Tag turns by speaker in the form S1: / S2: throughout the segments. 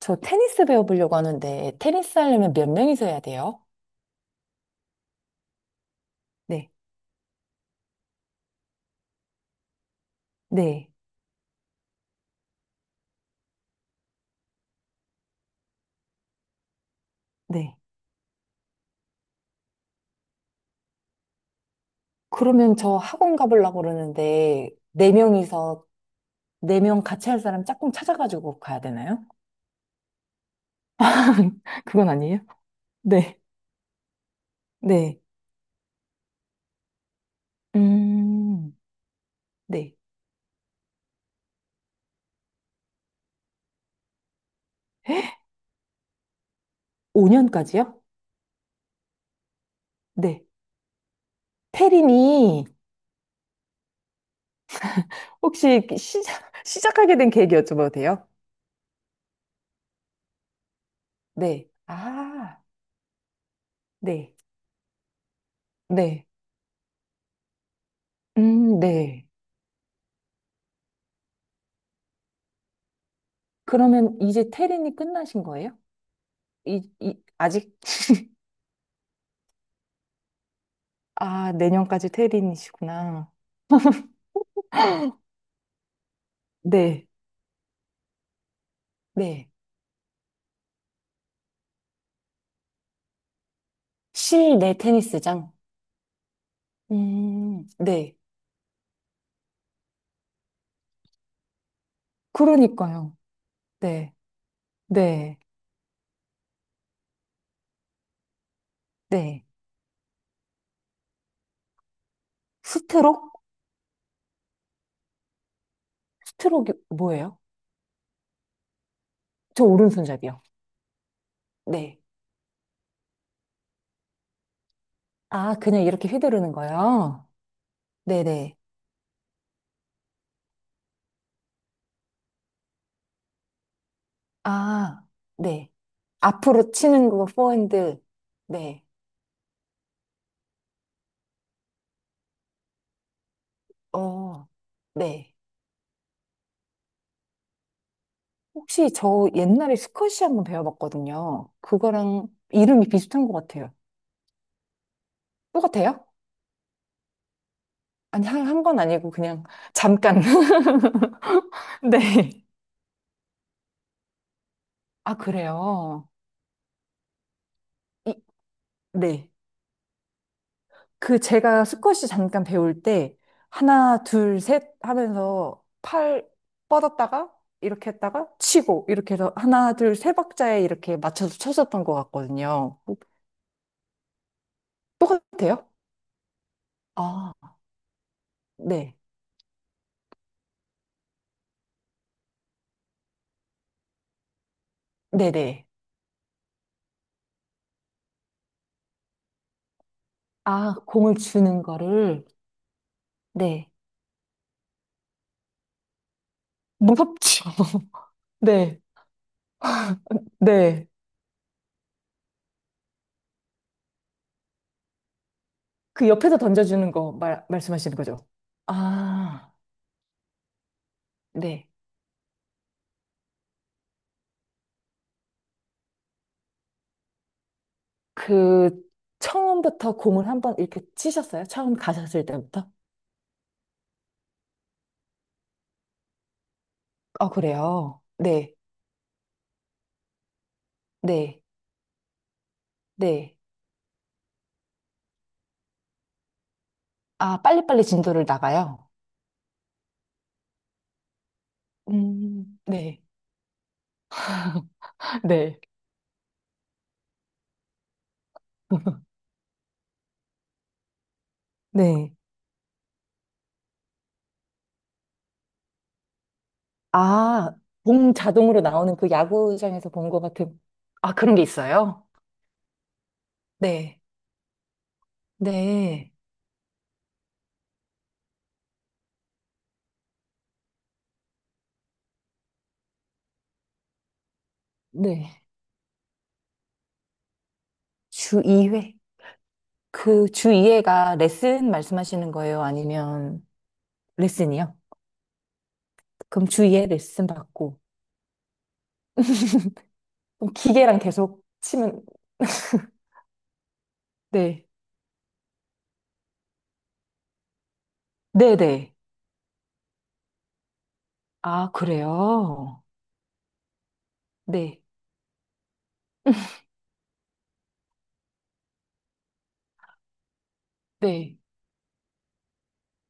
S1: 저 테니스 배워보려고 하는데, 테니스 하려면 몇 명이서 해야 돼요? 네, 네, 네. 그러면 저 학원 가보려고 그러는데, 네 명이서, 네 명 같이 할 사람 짝꿍 찾아가지고 가야 되나요? 그건 아니에요? 네, 네. 음, 네, 5년까지요? 네. 태린이 혹시 시작하게 된 계기 여쭤봐도 돼요? 네, 아, 네, 네. 네. 그러면 이제 테린이 끝나신 거예요? 아직? 아, 내년까지 테린이시구나. 네, 네. 실내 테니스장. 네. 그러니까요. 네. 네. 네. 스트로크? 스트로크 뭐예요? 저 오른손잡이요. 네. 아, 그냥 이렇게 휘두르는 거요? 네네. 아, 네. 앞으로 치는 거, 포핸드. 네. 어, 네. 혹시 저 옛날에 스쿼시 한번 배워봤거든요. 그거랑 이름이 비슷한 것 같아요. 똑같아요? 아니, 한 건 아니고 그냥 잠깐. 네. 아, 그래요? 이, 네. 그 제가 스쿼시 잠깐 배울 때 하나, 둘, 셋 하면서 팔 뻗었다가 이렇게 했다가 치고 이렇게 해서 하나, 둘, 세 박자에 이렇게 맞춰서 쳤었던 것 같거든요. 똑같아요? 아, 네. 네네. 아, 공을 주는 거를. 네. 무섭죠. 네. 네. 그 옆에서 던져주는 거 말씀하시는 거죠? 아, 네. 그, 처음부터 공을 한번 이렇게 치셨어요? 처음 가셨을 때부터? 아, 그래요? 네. 네. 네. 아, 빨리빨리 진도를 나가요? 네. 네. 네. 아, 봉 자동으로 나오는 그 야구장에서 본 것 같은. 아, 그런 게 있어요? 네. 네. 네. 주 2회. 그 주 2회가 레슨 말씀하시는 거예요? 아니면 레슨이요? 그럼 주 2회 레슨 받고. 그럼 기계랑 계속 치면, 네. 네네. 아, 그래요? 네. 네.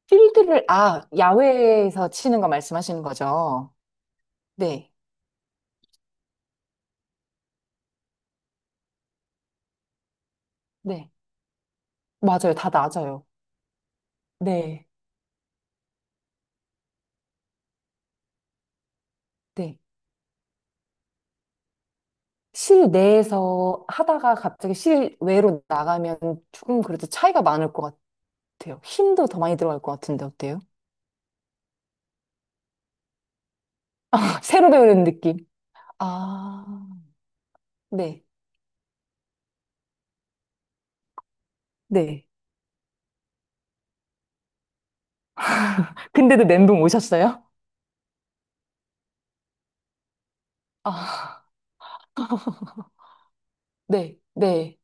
S1: 필드를, 아, 야외에서 치는 거 말씀하시는 거죠? 네. 네. 맞아요. 다 낮아요. 네. 네. 실내에서 하다가 갑자기 실외로 나가면 조금 그래도 차이가 많을 것 같아요. 힘도 더 많이 들어갈 것 같은데 어때요? 새로 배우는 느낌. 아, 네, 네. 근데도 멘붕 오셨어요? 아, 네, 네.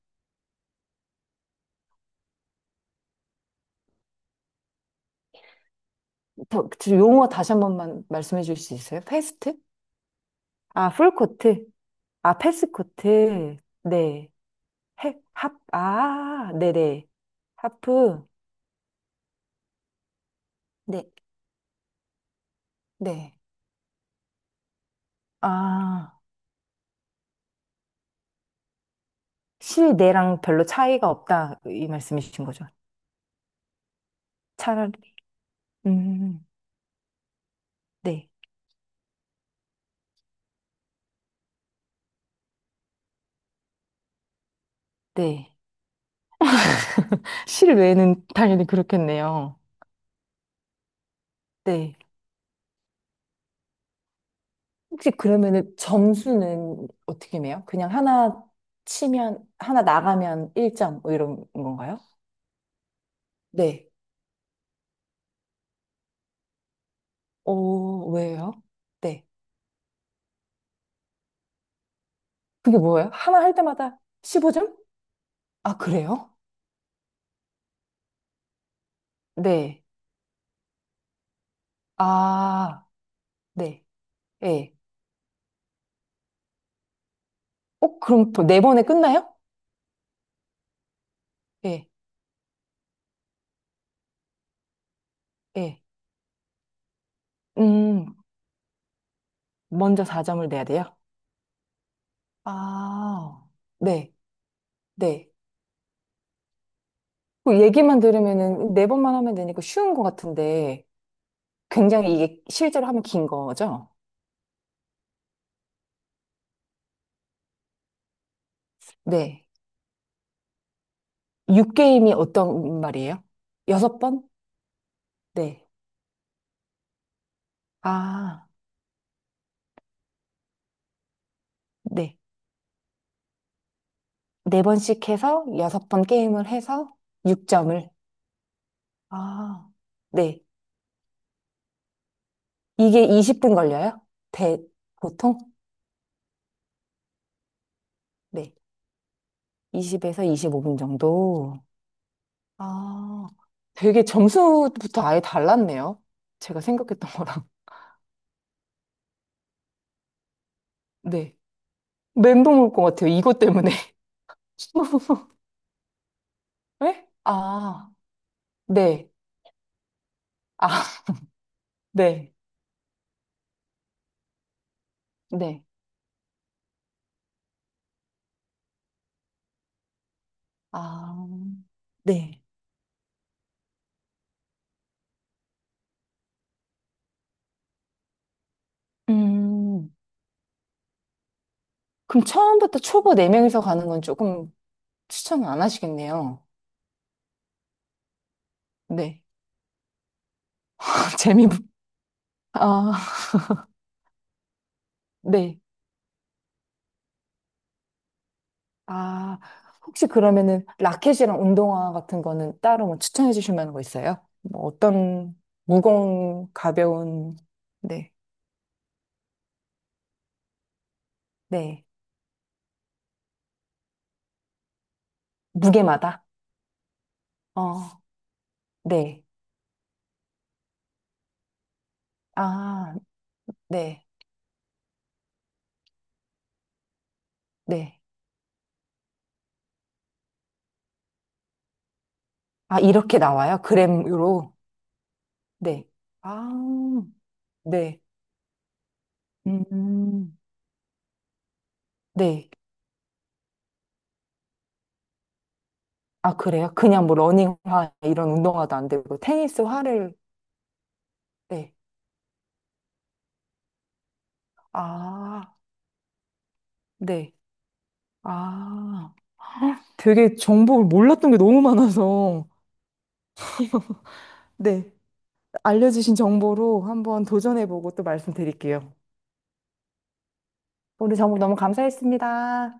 S1: 더- 그 용어 다시 한 번만 말씀해 주실 수 있어요? 패스트? 아, 풀코트. 아, 패스코트. 네. 해, 합, 아, 네네. 하프. 네, 네. 아, 실내랑 별로 차이가 없다. 이 말씀이신 거죠. 차라리. 음, 네, 네. 실외는 당연히 그렇겠네요. 네. 혹시 그러면은 점수는 어떻게 매요? 그냥 하나 치면, 하나 나가면 1점, 뭐 이런 건가요? 네. 어, 왜요? 네. 그게 뭐예요? 하나 할 때마다 15점? 아, 그래요? 네. 아, 네. 예. 어, 그럼 또 네 번에 끝나요? 예, 예. 음, 먼저 4점을 내야 돼요? 아, 네, 네. 그 얘기만 들으면은 네 번만 하면 되니까 쉬운 것 같은데, 굉장히 이게 실제로 하면 긴 거죠? 네. 6게임이 어떤 말이에요? 여섯 번? 네. 아, 네. 네 번씩 해서 여섯 번 게임을 해서 6점을. 아, 네. 이게 20분 걸려요? 대, 보통? 네. 20에서 25분 정도. 아, 되게 점수부터 아예 달랐네요. 제가 생각했던 거랑. 네. 멘붕 올 것 같아요. 이것 때문에. 네? 아, 네. 아, 네, 네. 아, 네. 음. 그럼 처음부터 초보 4명이서 가는 건 조금 추천을 안 하시겠네요. 네. 재미, 아, 네. 아, 혹시 그러면은 라켓이랑 운동화 같은 거는 따로 뭐 추천해 주실 만한 거 있어요? 뭐 어떤 무거운, 가벼운, 네, 네. 무게마다? 어, 네. 아, 네, 네. 아, 이렇게 나와요? 그램으로? 네. 아, 네. 음. 네. 아, 그래요? 그냥 뭐 러닝화 이런 운동화도 안 되고 테니스 화를 네. 아, 네. 아. 되게 정보를 몰랐던 게 너무 많아서, 네. 알려주신 정보로 한번 도전해보고 또 말씀드릴게요. 오늘 정보 너무 감사했습니다.